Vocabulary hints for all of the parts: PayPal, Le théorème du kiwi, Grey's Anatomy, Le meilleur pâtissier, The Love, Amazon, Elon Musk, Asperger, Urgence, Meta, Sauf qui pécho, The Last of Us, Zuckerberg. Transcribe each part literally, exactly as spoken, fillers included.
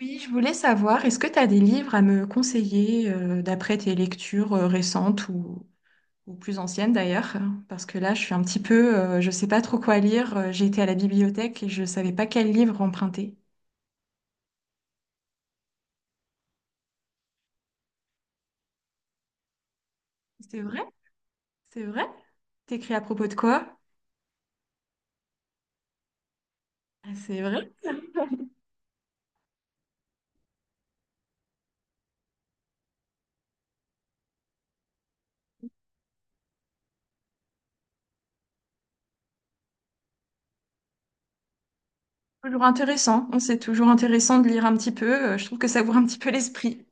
Oui, je voulais savoir, est-ce que tu as des livres à me conseiller, euh, d'après tes lectures euh, récentes ou, ou plus anciennes d'ailleurs? Parce que là, je suis un petit peu, euh, je sais pas trop quoi lire. Euh, J'ai été à la bibliothèque et je savais pas quel livre emprunter. C'est vrai? C'est vrai? T'écris à propos de quoi? Ah, C'est vrai? Toujours intéressant, hein. C'est toujours intéressant de lire un petit peu. Euh, Je trouve que ça ouvre un petit peu l'esprit.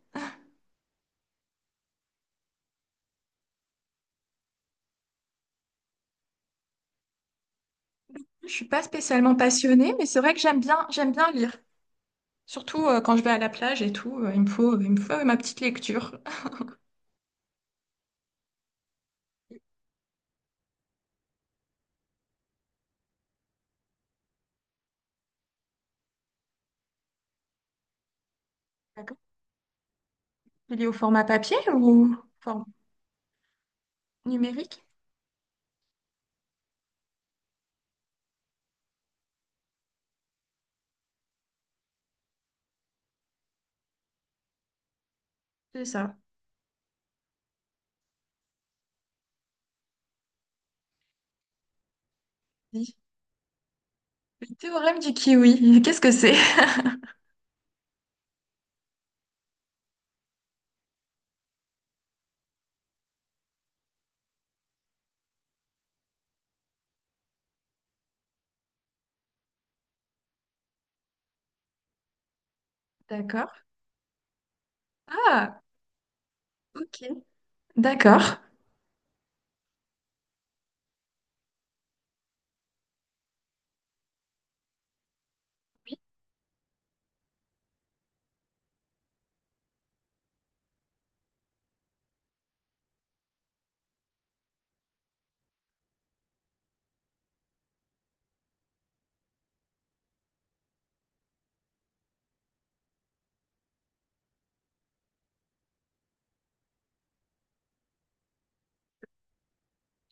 Je suis pas spécialement passionnée, mais c'est vrai que j'aime bien, j'aime bien lire. Surtout euh, quand je vais à la plage et tout, euh, il me faut, il me faut ma petite lecture. Il est au format papier ou format numérique? C'est ça. Oui. Le théorème du kiwi, qu'est-ce que c'est? D'accord. Ah, ok. D'accord.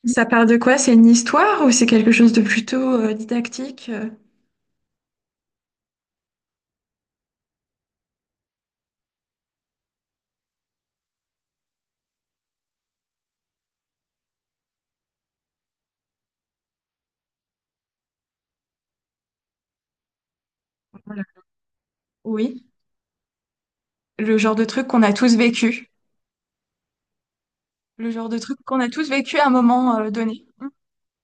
Ça part de quoi? C'est une histoire ou c'est quelque chose de plutôt euh, didactique? euh, voilà. Oui. Le genre de truc qu'on a tous vécu. Le genre de truc qu'on a tous vécu à un moment euh, donné.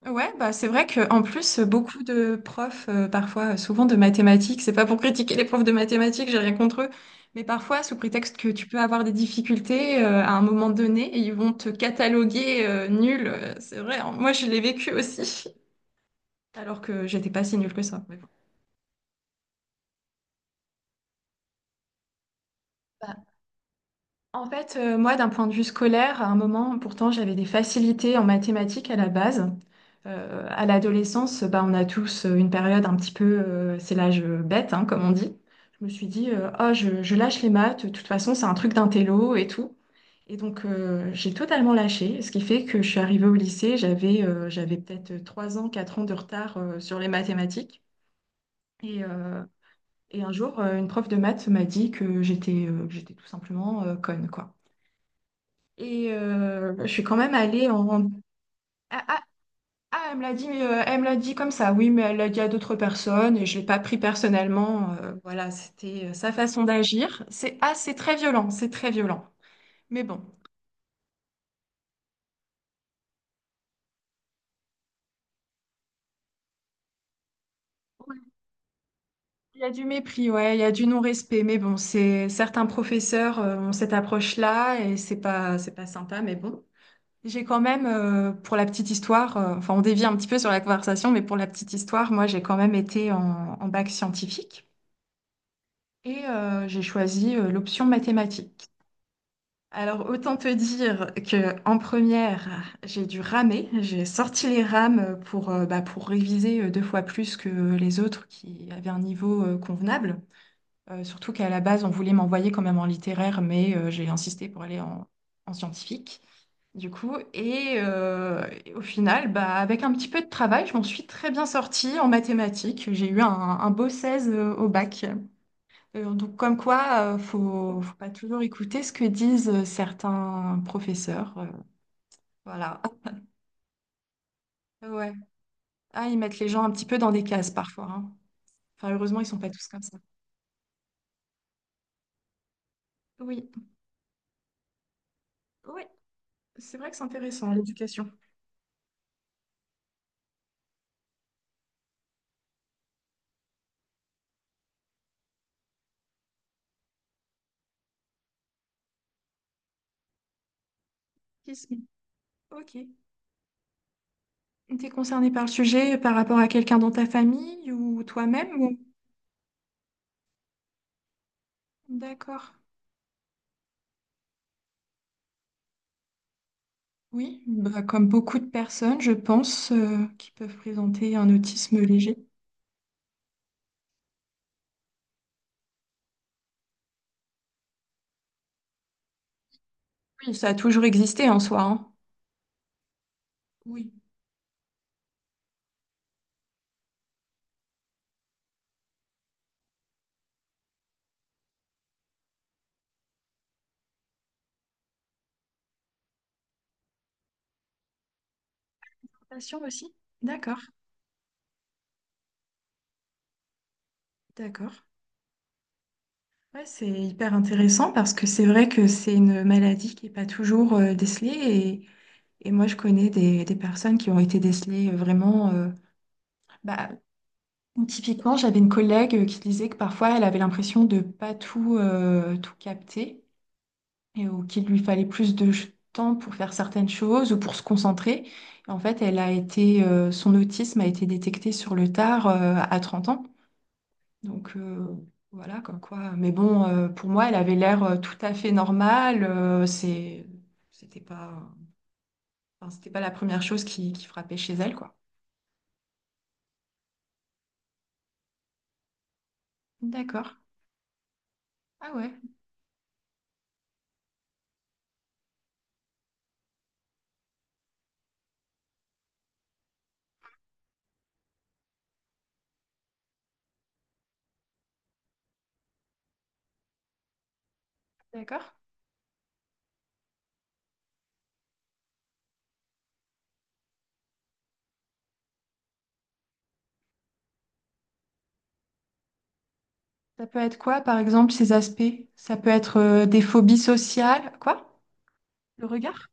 Ouais, bah c'est vrai que en plus beaucoup de profs, euh, parfois euh, souvent de mathématiques, c'est pas pour critiquer les profs de mathématiques, j'ai rien contre eux, mais parfois sous prétexte que tu peux avoir des difficultés, euh, à un moment donné, ils vont te cataloguer, euh, nul, euh, c'est vrai, hein. Moi je l'ai vécu aussi, alors que j'étais pas si nulle que ça, mais bon. En fait, euh, moi, d'un point de vue scolaire, à un moment, pourtant, j'avais des facilités en mathématiques à la base. Euh, à l'adolescence, bah, on a tous euh, une période un petit peu, euh, c'est l'âge euh, bête, hein, comme on dit. Je me suis dit, euh, ah, je, je lâche les maths, de toute façon, c'est un truc d'intello et tout. Et donc, euh, j'ai totalement lâché, ce qui fait que je suis arrivée au lycée, j'avais euh, j'avais peut-être trois ans, quatre ans de retard euh, sur les mathématiques. Et, euh, et un jour, euh, une prof de maths m'a dit que j'étais euh, que j'étais tout simplement, euh, conne, quoi. Et euh, je suis quand même allée en... Ah, ah, ah, elle me l'a dit, euh, elle me l'a dit comme ça, oui, mais elle l'a dit à d'autres personnes et je l'ai pas pris personnellement. Euh, voilà, c'était, euh, sa façon d'agir. C'est ah, c'est très violent, c'est très violent. Mais bon, ouais, il y a du mépris, ouais, il y a du non-respect, mais bon, c'est certains professeurs, euh, ont cette approche-là et c'est pas, c'est pas sympa, mais bon. J'ai quand même, euh, pour la petite histoire, euh, enfin on dévie un petit peu sur la conversation, mais pour la petite histoire, moi j'ai quand même été en en bac scientifique. Et euh, j'ai choisi euh, l'option mathématiques. Alors autant te dire que en première, j'ai dû ramer, j'ai sorti les rames pour, euh, bah, pour réviser euh, deux fois plus que les autres qui avaient un niveau euh, convenable. Euh, surtout qu'à la base, on voulait m'envoyer quand même en littéraire, mais euh, j'ai insisté pour aller en, en scientifique. Du coup, et, euh, et au final, bah, avec un petit peu de travail, je m'en suis très bien sortie en mathématiques. J'ai eu un, un beau seize euh, au bac. Euh, donc, comme quoi, euh, faut, faut pas toujours écouter ce que disent, euh, certains professeurs. Euh, voilà. Ah, ouais. Ah, ils mettent les gens un petit peu dans des cases parfois, hein. Enfin, heureusement, ils sont pas tous comme ça. Oui. Oui. C'est vrai que c'est intéressant, l'éducation. Qu'est-ce- Ok. T'es concerné par le sujet par rapport à quelqu'un dans ta famille ou toi-même ou... D'accord. Oui, bah, comme beaucoup de personnes, je pense, euh, qui peuvent présenter un autisme léger. Oui, ça a toujours existé en soi, hein. Oui. Attention aussi. D'accord. D'accord. Ouais, c'est hyper intéressant parce que c'est vrai que c'est une maladie qui n'est pas toujours euh, décelée, et, et moi je connais des, des personnes qui ont été décelées, euh, vraiment. Euh, bah, typiquement, j'avais une collègue euh, qui disait que parfois elle avait l'impression de pas tout, euh, tout capter et, ou qu'il lui fallait plus de ch- temps pour faire certaines choses ou pour se concentrer. En fait, elle a été, euh, son autisme a été détecté sur le tard, euh, à trente ans. Donc euh, voilà, comme quoi. Mais bon, euh, pour moi, elle avait l'air, euh, tout à fait normale. euh, c'est, c'était pas, enfin, c'était pas la première chose qui, qui frappait chez elle, quoi. D'accord. Ah ouais, d'accord. Ça peut être quoi, par exemple, ces aspects? Ça peut être, euh, des phobies sociales, quoi? Le regard?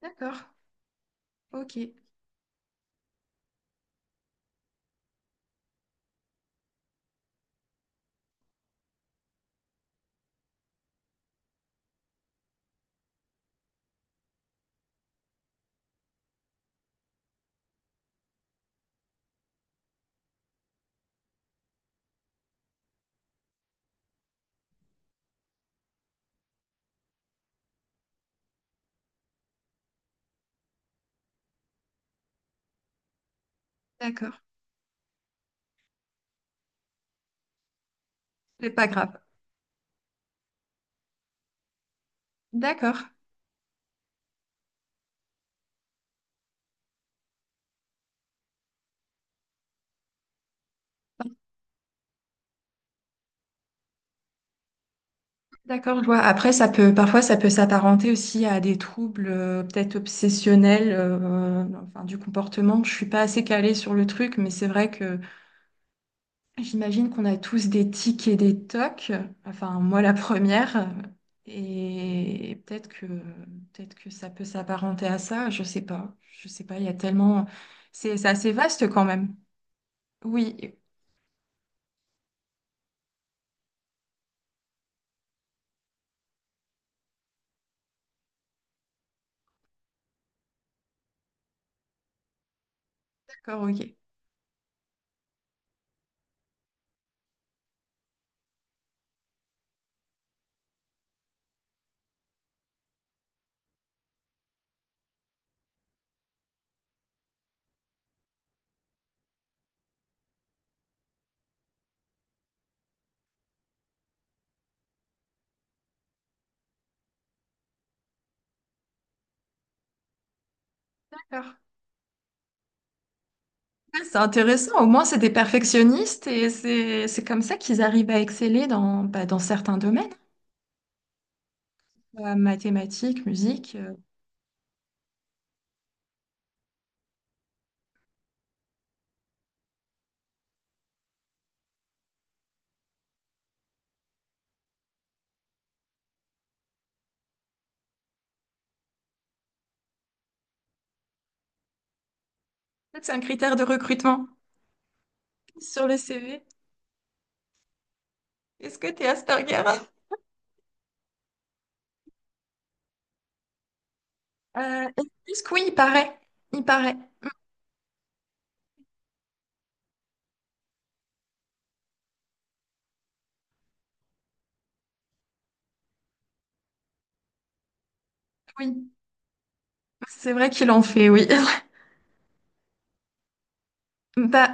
D'accord. Ok, d'accord. C'est pas grave. D'accord. D'accord, je vois. Après, ça peut, parfois, ça peut s'apparenter aussi à des troubles, euh, peut-être obsessionnels, euh, enfin, du comportement. Je suis pas assez calée sur le truc, mais c'est vrai que j'imagine qu'on a tous des tics et des tocs. Enfin, moi, la première. Et peut-être que, peut-être que ça peut s'apparenter à ça. Je sais pas. Je sais pas. Il y a tellement. C'est c'est assez vaste quand même. Oui. D'accord. Ok. D'accord. Ouais, c'est intéressant, au moins c'est des perfectionnistes et c'est c'est comme ça qu'ils arrivent à exceller dans, bah, dans certains domaines. Euh, mathématiques, musique. euh. Peut-être c'est un critère de recrutement sur le C V. Est-ce que tu es Asperger? Euh, est-ce que oui, il paraît. Il paraît. Oui, c'est vrai qu'il en fait, oui. Bah,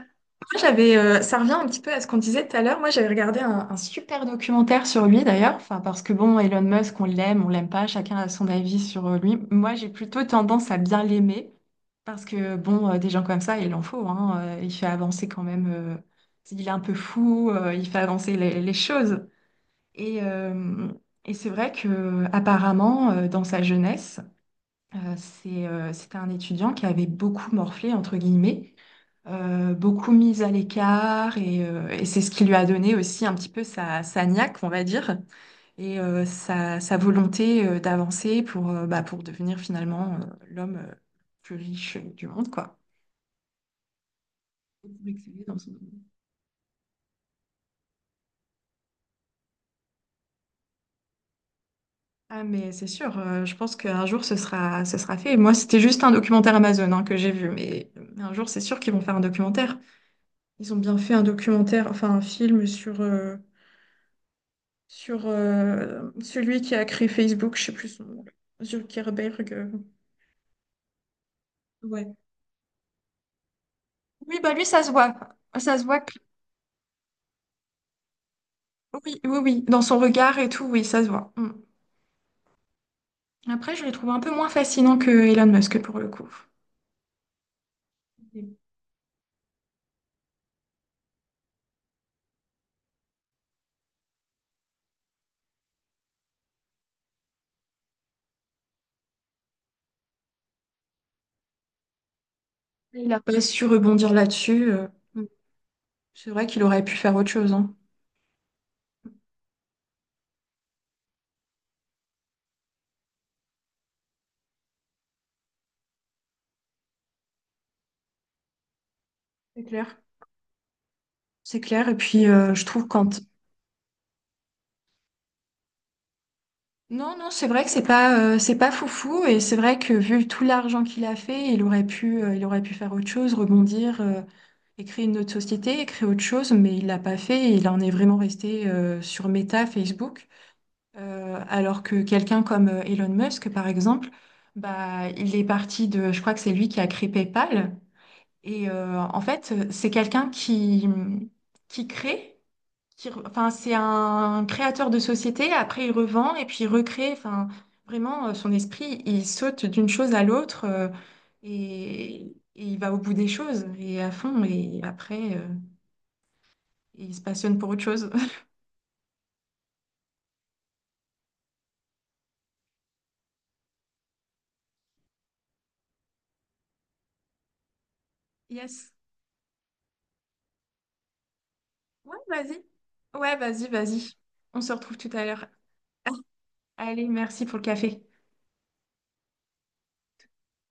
moi j'avais, euh, ça revient un petit peu à ce qu'on disait tout à l'heure. Moi, j'avais regardé un, un super documentaire sur lui d'ailleurs. Enfin, parce que bon, Elon Musk, on l'aime, on l'aime pas. Chacun a son avis sur euh, lui. Moi, j'ai plutôt tendance à bien l'aimer parce que bon, euh, des gens comme ça, il en faut, hein. Euh, il fait avancer quand même. Euh, il est un peu fou. Euh, il fait avancer les, les choses. Et, euh, et c'est vrai que apparemment, euh, dans sa jeunesse. Euh, c'est, euh, c'était un étudiant qui avait beaucoup morflé, entre guillemets, euh, beaucoup mis à l'écart, et, euh, et c'est ce qui lui a donné aussi un petit peu sa, sa niaque, on va dire, et euh, sa, sa volonté euh, d'avancer pour, euh, bah, pour devenir finalement, euh, l'homme, euh, plus riche du monde, quoi. Et pour exceller dans son domaine. Ah mais c'est sûr, euh, je pense qu'un jour ce sera, ce sera fait. Moi c'était juste un documentaire Amazon, hein, que j'ai vu, mais euh, un jour c'est sûr qu'ils vont faire un documentaire. Ils ont bien fait un documentaire, enfin un film sur, euh, sur euh, celui qui a créé Facebook, je sais plus son nom, Zuckerberg. euh, Ouais. Oui, bah lui, ça se voit. Ça se voit que... Oui, oui, oui. Dans son regard et tout, oui, ça se voit. Mm. Après, je le trouve un peu moins fascinant que Elon Musk pour le coup. Il n'a pas su rebondir là-dessus. euh. Mm. C'est vrai qu'il aurait pu faire autre chose, hein. C'est clair. C'est clair. Et puis, euh, je trouve quand non, non, c'est vrai que c'est pas, euh, c'est pas foufou et c'est vrai que vu tout l'argent qu'il a fait, il aurait pu, euh, il aurait pu faire autre chose, rebondir, euh, et créer une autre société, et créer autre chose, mais il l'a pas fait et il en est vraiment resté, euh, sur Meta, Facebook. Euh, alors que quelqu'un comme, euh, Elon Musk, par exemple, bah, il est parti de, je crois que c'est lui qui a créé PayPal. Et euh, en fait, c'est quelqu'un qui, qui crée, qui re- enfin, c'est un créateur de société, après il revend et puis il recrée. Enfin, vraiment, euh, son esprit, il saute d'une chose à l'autre, euh, et, et il va au bout des choses et à fond. Et après, euh, il se passionne pour autre chose. Yes. Ouais, vas-y. Ouais, vas-y, vas-y. On se retrouve tout à l'heure. Allez, merci pour le café.